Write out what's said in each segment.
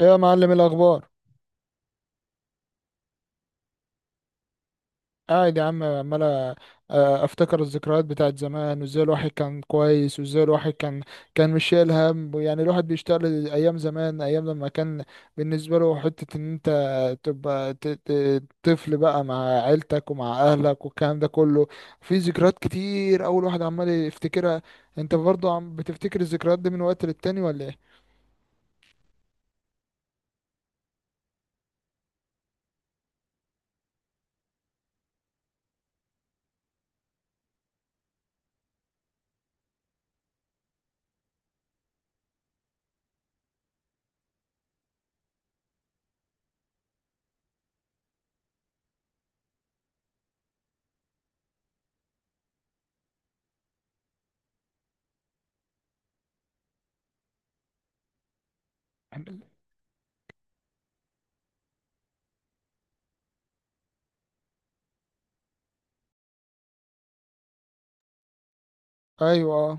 ايه يا معلم الاخبار؟ قاعد يا عم عمال افتكر الذكريات بتاعت زمان وازاي الواحد كان كويس وازاي الواحد كان مش شايل هم، يعني الواحد بيشتغل ايام زمان، ايام لما كان بالنسبه له حته ان انت تبقى طفل بقى مع عيلتك ومع اهلك والكلام ده كله. في ذكريات كتير اول واحد عمال يفتكرها. انت برضه عم بتفتكر الذكريات دي من وقت للتاني ولا ايه؟ ايوه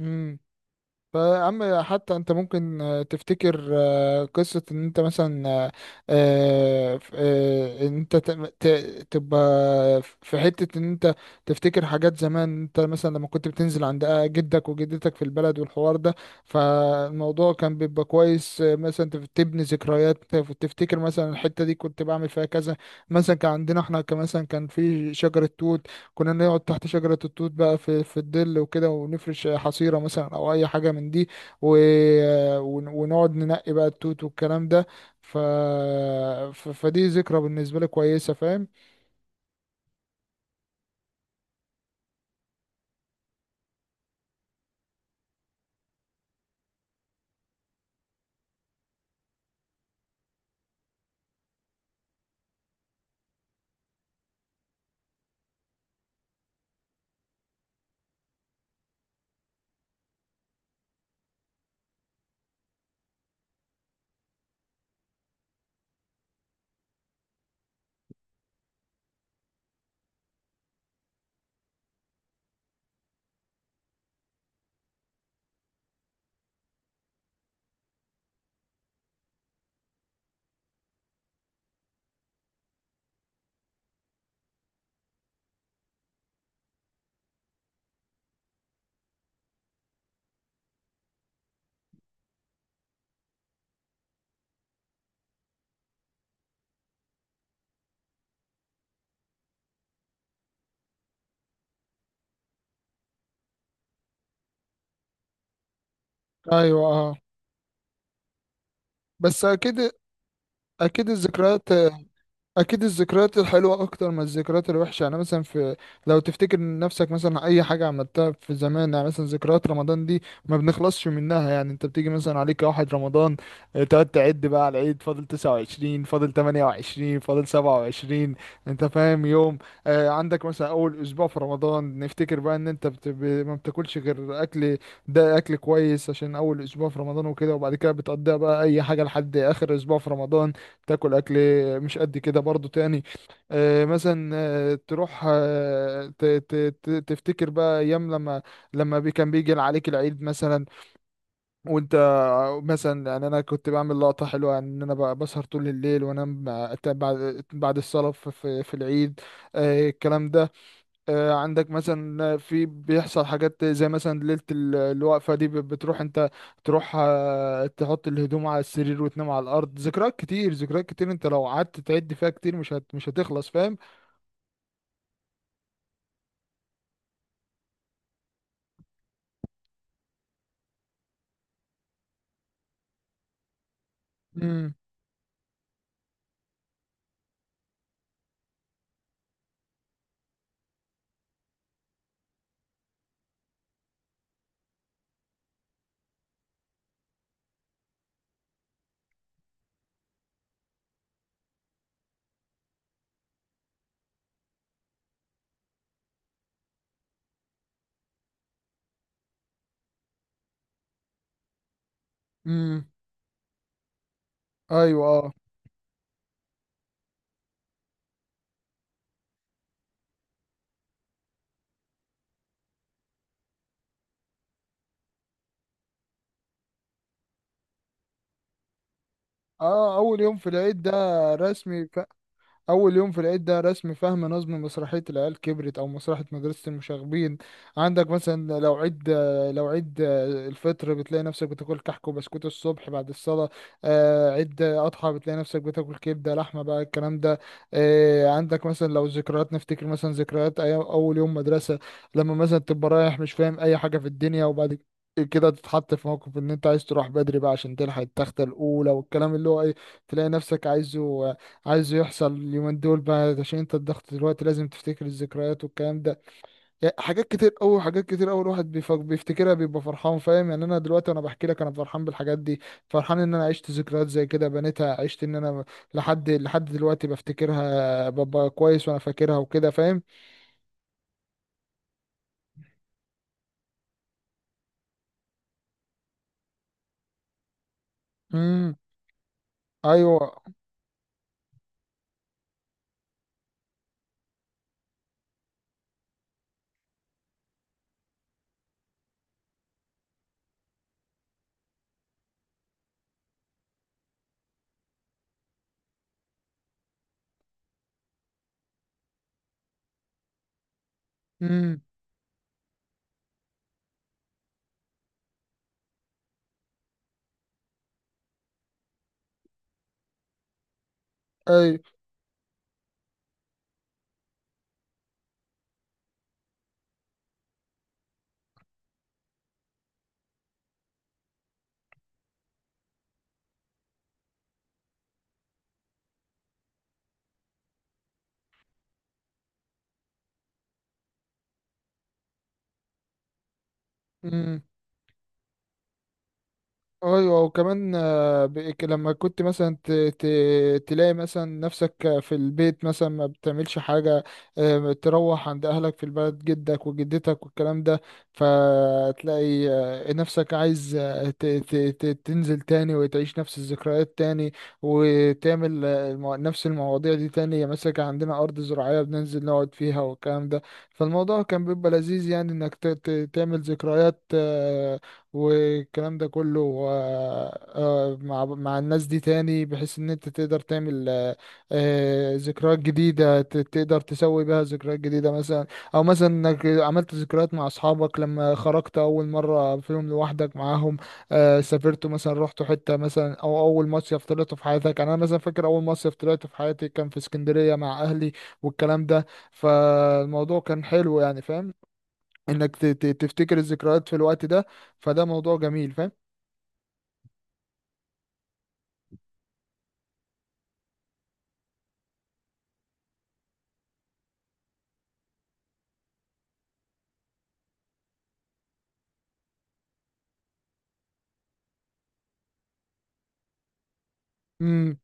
اه. فيا عم حتى انت ممكن تفتكر قصة ان انت مثلا ان انت تبقى في حتة ان انت تفتكر حاجات زمان، انت مثلا لما كنت بتنزل عند جدك وجدتك في البلد والحوار ده. فالموضوع كان بيبقى كويس، مثلا تبني ذكريات، تفتكر مثلا الحتة دي كنت بعمل فيها كذا. مثلا كان عندنا احنا، كان مثلا كان في شجرة توت، كنا نقعد تحت شجرة التوت بقى في الظل وكده، ونفرش حصيرة مثلا أو أي حاجة من دي و ونقعد ننقي بقى التوت والكلام ده. ف... فدي ذكرى بالنسبة لي كويسة، فاهم؟ أيوة أه. بس أكيد. أكيد الذكريات. اكيد الذكريات الحلوه اكتر من الذكريات الوحشه. يعني مثلا في، لو تفتكر نفسك مثلا اي حاجه عملتها في زمان، يعني مثلا ذكريات رمضان دي ما بنخلصش منها. يعني انت بتيجي مثلا عليك واحد رمضان، تقعد تعد بقى على العيد فاضل 29 فاضل 28 فاضل 27، انت فاهم يوم؟ عندك مثلا اول اسبوع في رمضان نفتكر بقى ان انت ما بتاكلش غير اكل، ده اكل كويس عشان اول اسبوع في رمضان وكده، وبعد كده بتقضيها بقى اي حاجه لحد اخر اسبوع في رمضان. تاكل اكل مش قد كده برضو تاني. مثلا تروح تفتكر بقى ايام لما لما كان بيجي عليك العيد مثلا وانت مثلا، يعني انا كنت بعمل لقطه حلوه، يعني ان انا بسهر طول الليل وانام بعد الصلاه في العيد، الكلام ده. عندك مثلا في بيحصل حاجات زي مثلا ليلة الوقفة دي بتروح انت، تروح تحط الهدوم على السرير وتنام على الأرض. ذكريات كتير، ذكريات كتير انت لو قعدت تعد فيها كتير مش هتخلص، فاهم؟ امم. امم. ايوه اه. اه اول يوم في العيد ده رسمي. أول يوم في العيد ده رسم فهم نظم مسرحية العيال كبرت أو مسرحية مدرسة المشاغبين. عندك مثلا لو عيد، لو عيد الفطر بتلاقي نفسك بتاكل كحك وبسكوت الصبح بعد الصلاة. عيد أضحى بتلاقي نفسك بتاكل كبدة لحمة بقى، الكلام ده. عندك مثلا لو الذكريات نفتكر مثلا ذكريات أيام أول يوم مدرسة، لما مثلا تبقى رايح مش فاهم أي حاجة في الدنيا، وبعد كده تتحط في موقف ان انت عايز تروح بدري بقى عشان تلحق التختة الاولى والكلام اللي هو ايه. تلاقي نفسك عايزه يحصل اليومين دول بقى عشان انت الضغط دلوقتي لازم تفتكر الذكريات والكلام ده. يعني حاجات كتير قوي، حاجات كتير قوي الواحد بيفتكرها بيبقى فرحان، فاهم؟ يعني انا دلوقتي وانا بحكي لك انا فرحان بالحاجات دي، فرحان ان انا عشت ذكريات زي كده بنيتها، عشت ان انا لحد دلوقتي بفتكرها ببقى كويس وانا فاكرها وكده، فاهم؟ امم. ايوه. امم. ايوه. امم. ايوه وكمان لما كنت مثلا تلاقي مثلا نفسك في البيت مثلا ما بتعملش حاجه، تروح عند اهلك في البلد، جدك وجدتك والكلام ده، فتلاقي نفسك عايز تنزل تاني وتعيش نفس الذكريات تاني، وتعمل نفس المواضيع دي تاني. يعني مثلا كان عندنا ارض زراعيه بننزل نقعد فيها والكلام ده، فالموضوع كان بيبقى لذيذ، يعني انك تعمل ذكريات والكلام ده كله آه، مع الناس دي تاني، بحيث ان انت تقدر تعمل ذكريات جديدة، تقدر تسوي بها ذكريات جديدة مثلا. او مثلا انك عملت ذكريات مع اصحابك لما خرجت اول مرة فيهم، لوحدك معاهم سافرتوا مثلا، رحتوا حتة مثلا، او اول مصيف طلعته في حياتك. يعني انا مثلا فاكر اول مصيف طلعته في حياتي كان في اسكندرية مع اهلي والكلام ده، فالموضوع كان حلو، يعني فاهم انك تفتكر الذكريات في الوقت ده؟ فده موضوع جميل، فاهم؟ امم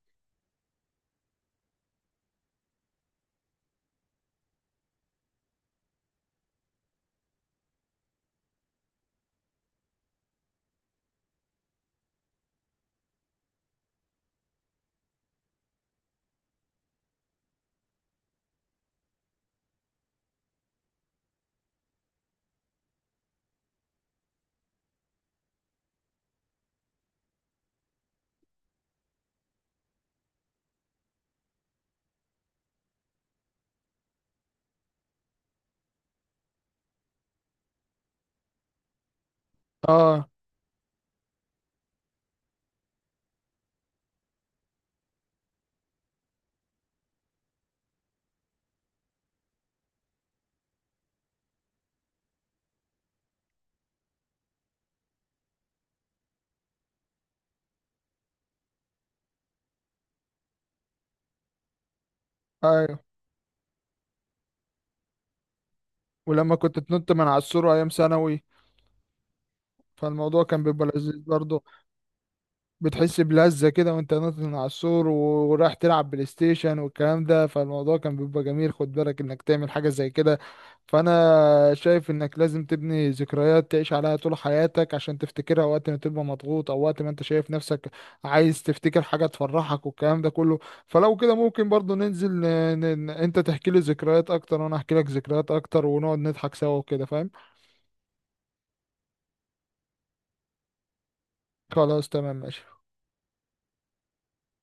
اه. ايوه. ولما كنت تنط من على السور ايام ثانوي، فالموضوع كان بيبقى لذيذ برضه. بتحس بلذة كده وانت نازل من على السور ورايح تلعب بلاي ستيشن والكلام ده، فالموضوع كان بيبقى جميل. خد بالك انك تعمل حاجة زي كده. فانا شايف انك لازم تبني ذكريات تعيش عليها طول حياتك، عشان تفتكرها وقت ما تبقى مضغوط او وقت ما انت شايف نفسك عايز تفتكر حاجة تفرحك والكلام ده كله. فلو كده ممكن برضو انت تحكي لي ذكريات اكتر وانا احكي لك ذكريات اكتر ونقعد نضحك سوا وكده، فاهم؟ خلاص تمام ماشي.